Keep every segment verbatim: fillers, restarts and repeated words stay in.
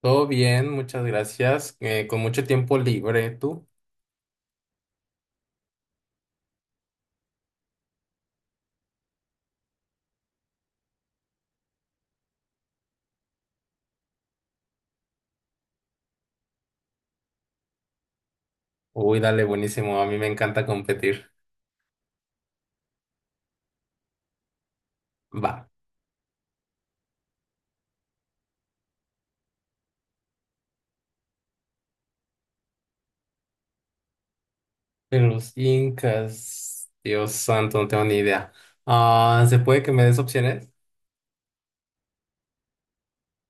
Todo bien, muchas gracias. Eh, con mucho tiempo libre, tú. Uy, dale, buenísimo. A mí me encanta competir. Va. Pero los incas, Dios santo, no tengo ni idea. Ah, ¿se puede que me des opciones?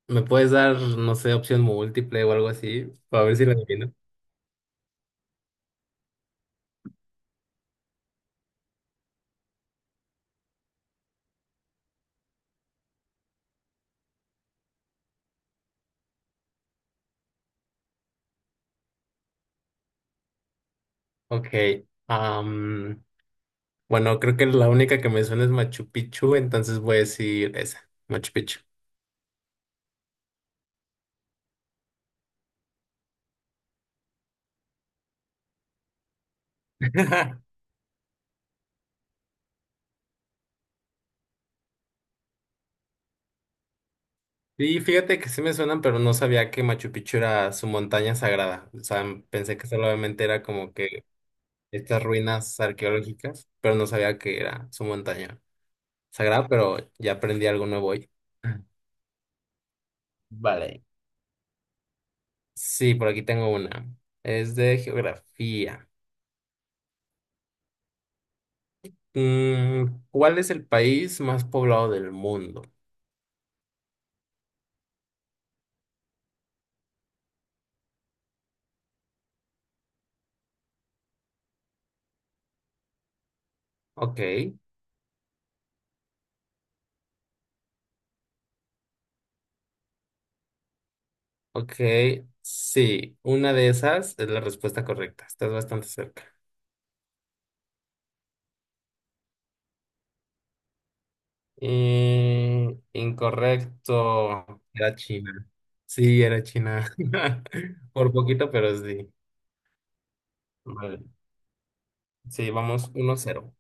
¿Me puedes dar, no sé, opción múltiple o algo así? Para ver si lo adivino. Ok. am, bueno, creo que la única que me suena es Machu Picchu, entonces voy a decir esa, Machu Picchu. Sí, fíjate que sí me suenan, pero no sabía que Machu Picchu era su montaña sagrada. O sea, pensé que solamente era como que estas ruinas arqueológicas, pero no sabía que era su montaña sagrada, pero ya aprendí algo nuevo hoy. Vale. Sí, por aquí tengo una. Es de geografía. Mm, ¿Cuál es el país más poblado del mundo? Ok, ok, sí, una de esas es la respuesta correcta. Estás bastante cerca. Y incorrecto. Era China. Sí, era China. Por poquito, pero sí. Vale. Sí, vamos uno cero.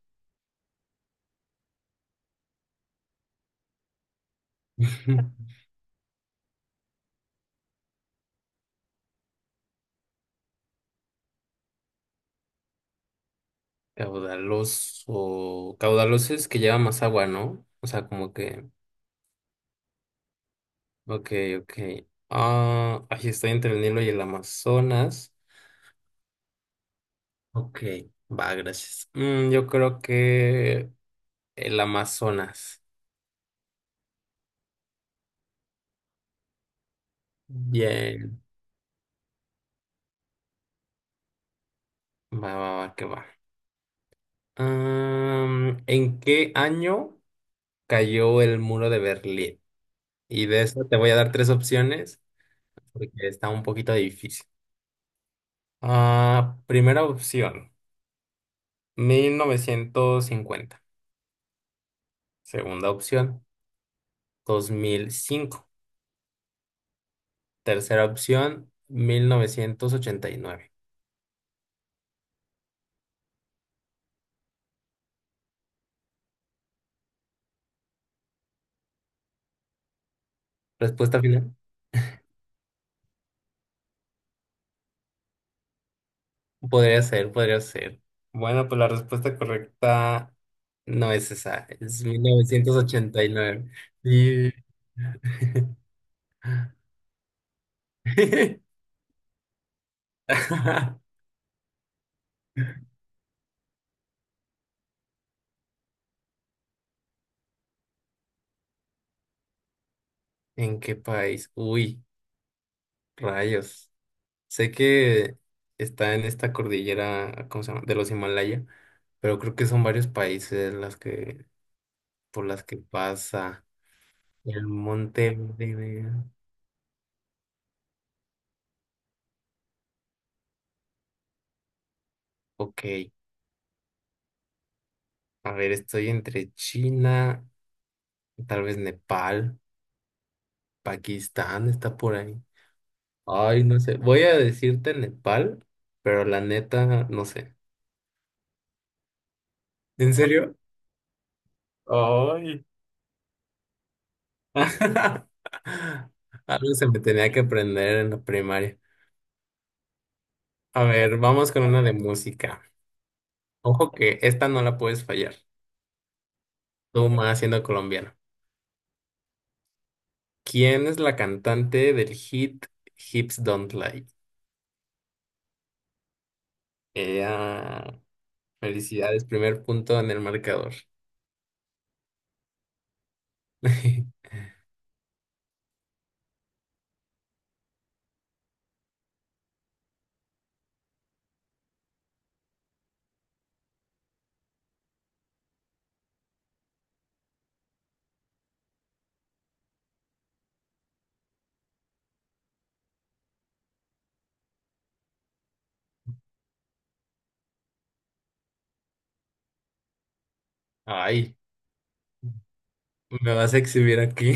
Caudaloso. Caudaloso es que lleva más agua, ¿no? O sea, como que. Ok, ok. Ah, ahí estoy entre el Nilo y el Amazonas. Ok, va, gracias. Mm, yo creo que el Amazonas. Bien. Va, va, va, que va. Am, ¿en qué año cayó el muro de Berlín? Y de eso te voy a dar tres opciones porque está un poquito difícil. Ah, primera opción, mil novecientos cincuenta. Segunda opción, dos mil cinco. Tercera opción, mil novecientos ochenta y nueve. Respuesta final. Podría ser, podría ser. Bueno, pues la respuesta correcta no es esa, es mil novecientos ochenta y nueve. Sí. ¿En qué país? Uy, rayos. Sé que está en esta cordillera, ¿cómo se llama? De los Himalaya, pero creo que son varios países las que, por las que pasa el monte. de- Ok, a ver, estoy entre China, tal vez Nepal, Pakistán está por ahí. Ay, no sé. Voy a decirte Nepal, pero la neta, no sé. ¿En serio? Ay. Algo se me tenía que aprender en la primaria. A ver, vamos con una de música. Ojo que esta no la puedes fallar. Tú más siendo colombiano. ¿Quién es la cantante del hit Hips Don't Lie? Ella. Felicidades, primer punto en el marcador. Ay, me vas a exhibir aquí.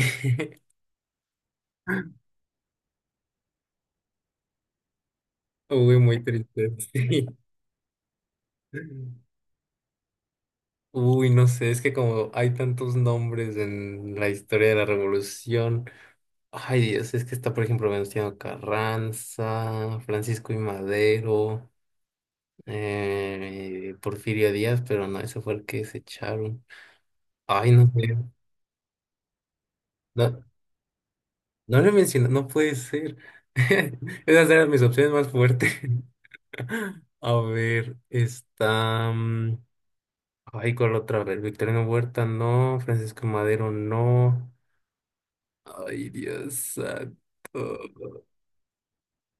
Uy, muy triste. Sí. Uy, no sé, es que como hay tantos nombres en la historia de la revolución. Ay, Dios, es que está, por ejemplo, Venustiano Carranza, Francisco y Madero, eh, Porfirio Díaz, pero no, ese fue el que se echaron. Ay, no sé. No, no lo he mencionado, no puede ser. Esas eran mis opciones más fuertes. A ver, está. mm, Ay, ¿cuál otra? Vez ver, Victoriano Huerta, no. Francisco Madero, no. Ay, Dios santo.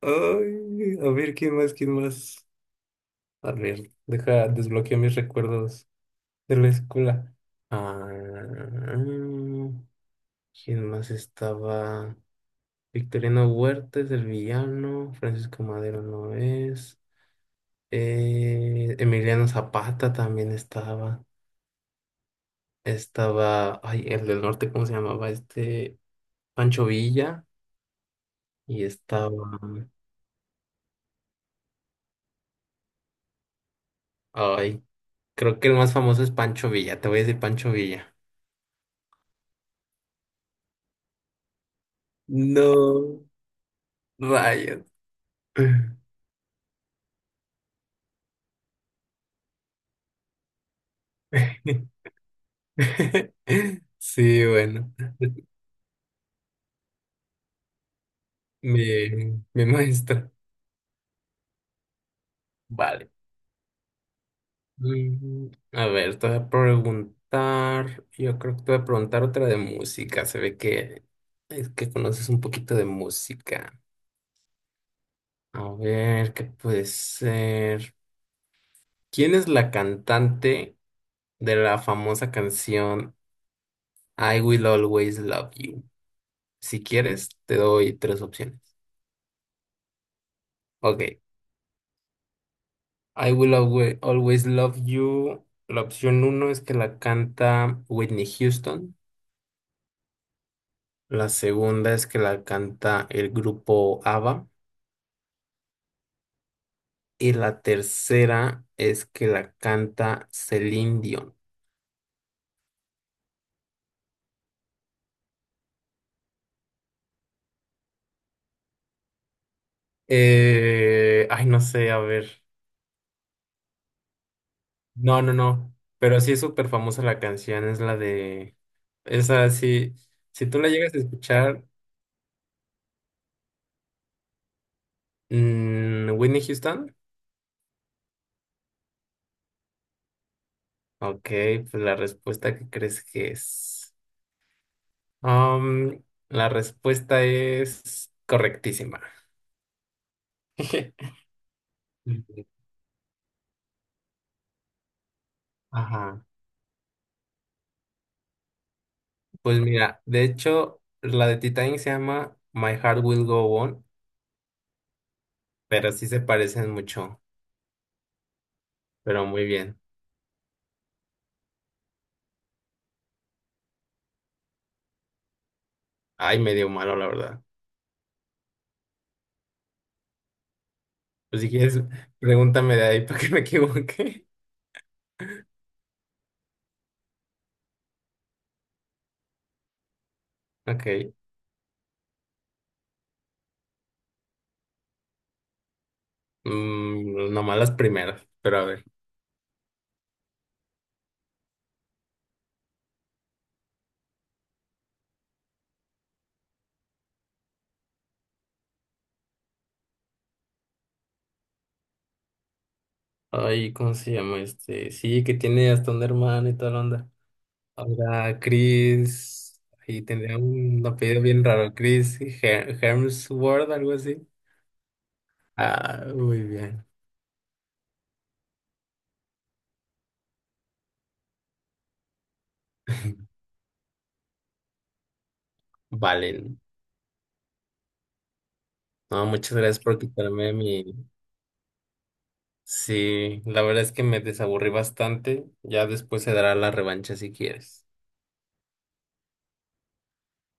Ay, a ver, ¿quién más? ¿Quién más? A ver, deja, desbloqueo mis recuerdos de la escuela. Ah, ¿quién más estaba? Victoriano Huerta es el villano, Francisco Madero no es, eh, Emiliano Zapata también estaba, estaba, ay, el del norte, ¿cómo se llamaba? Este, Pancho Villa, y estaba, ay, creo que el más famoso es Pancho Villa, te voy a decir Pancho Villa. No, rayos. Sí, bueno, me, me muestra. Vale. Mm, A ver, te voy a preguntar, yo creo que te voy a preguntar otra de música. Se ve que es que conoces un poquito de música. A ver, ¿qué puede ser? ¿Quién es la cantante de la famosa canción I Will Always Love You? Si quieres, te doy tres opciones. Ok, I Will Alwe- Always Love You. La opción uno es que la canta Whitney Houston. La segunda es que la canta el grupo ABBA. Y la tercera es que la canta Celine Dion. Eh, ay, no sé, a ver. No, no, no. Pero sí es súper famosa la canción. Es la de. Esa sí. Si tú la llegas a escuchar, mm, Whitney Houston. Ok, pues la respuesta que crees que es. Am, la respuesta es correctísima. Ujú. Ajá. Pues mira, de hecho, la de Titanic se llama My Heart Will Go On, pero sí se parecen mucho, pero muy bien. Ay, medio malo, la verdad. Pues si quieres, pregúntame de ahí para que me equivoque. Ok. Mm, nomás las primeras, pero a ver. Ay, ¿cómo se llama este? Sí, que tiene hasta un hermano y toda la onda. Ahora, Chris, ahí tendría un apellido bien raro, Chris Her- Hemsworth, algo así. Ah, muy bien. Vale. No, muchas gracias por quitarme mi... Sí, la verdad es que me desaburrí bastante. Ya después se dará la revancha si quieres.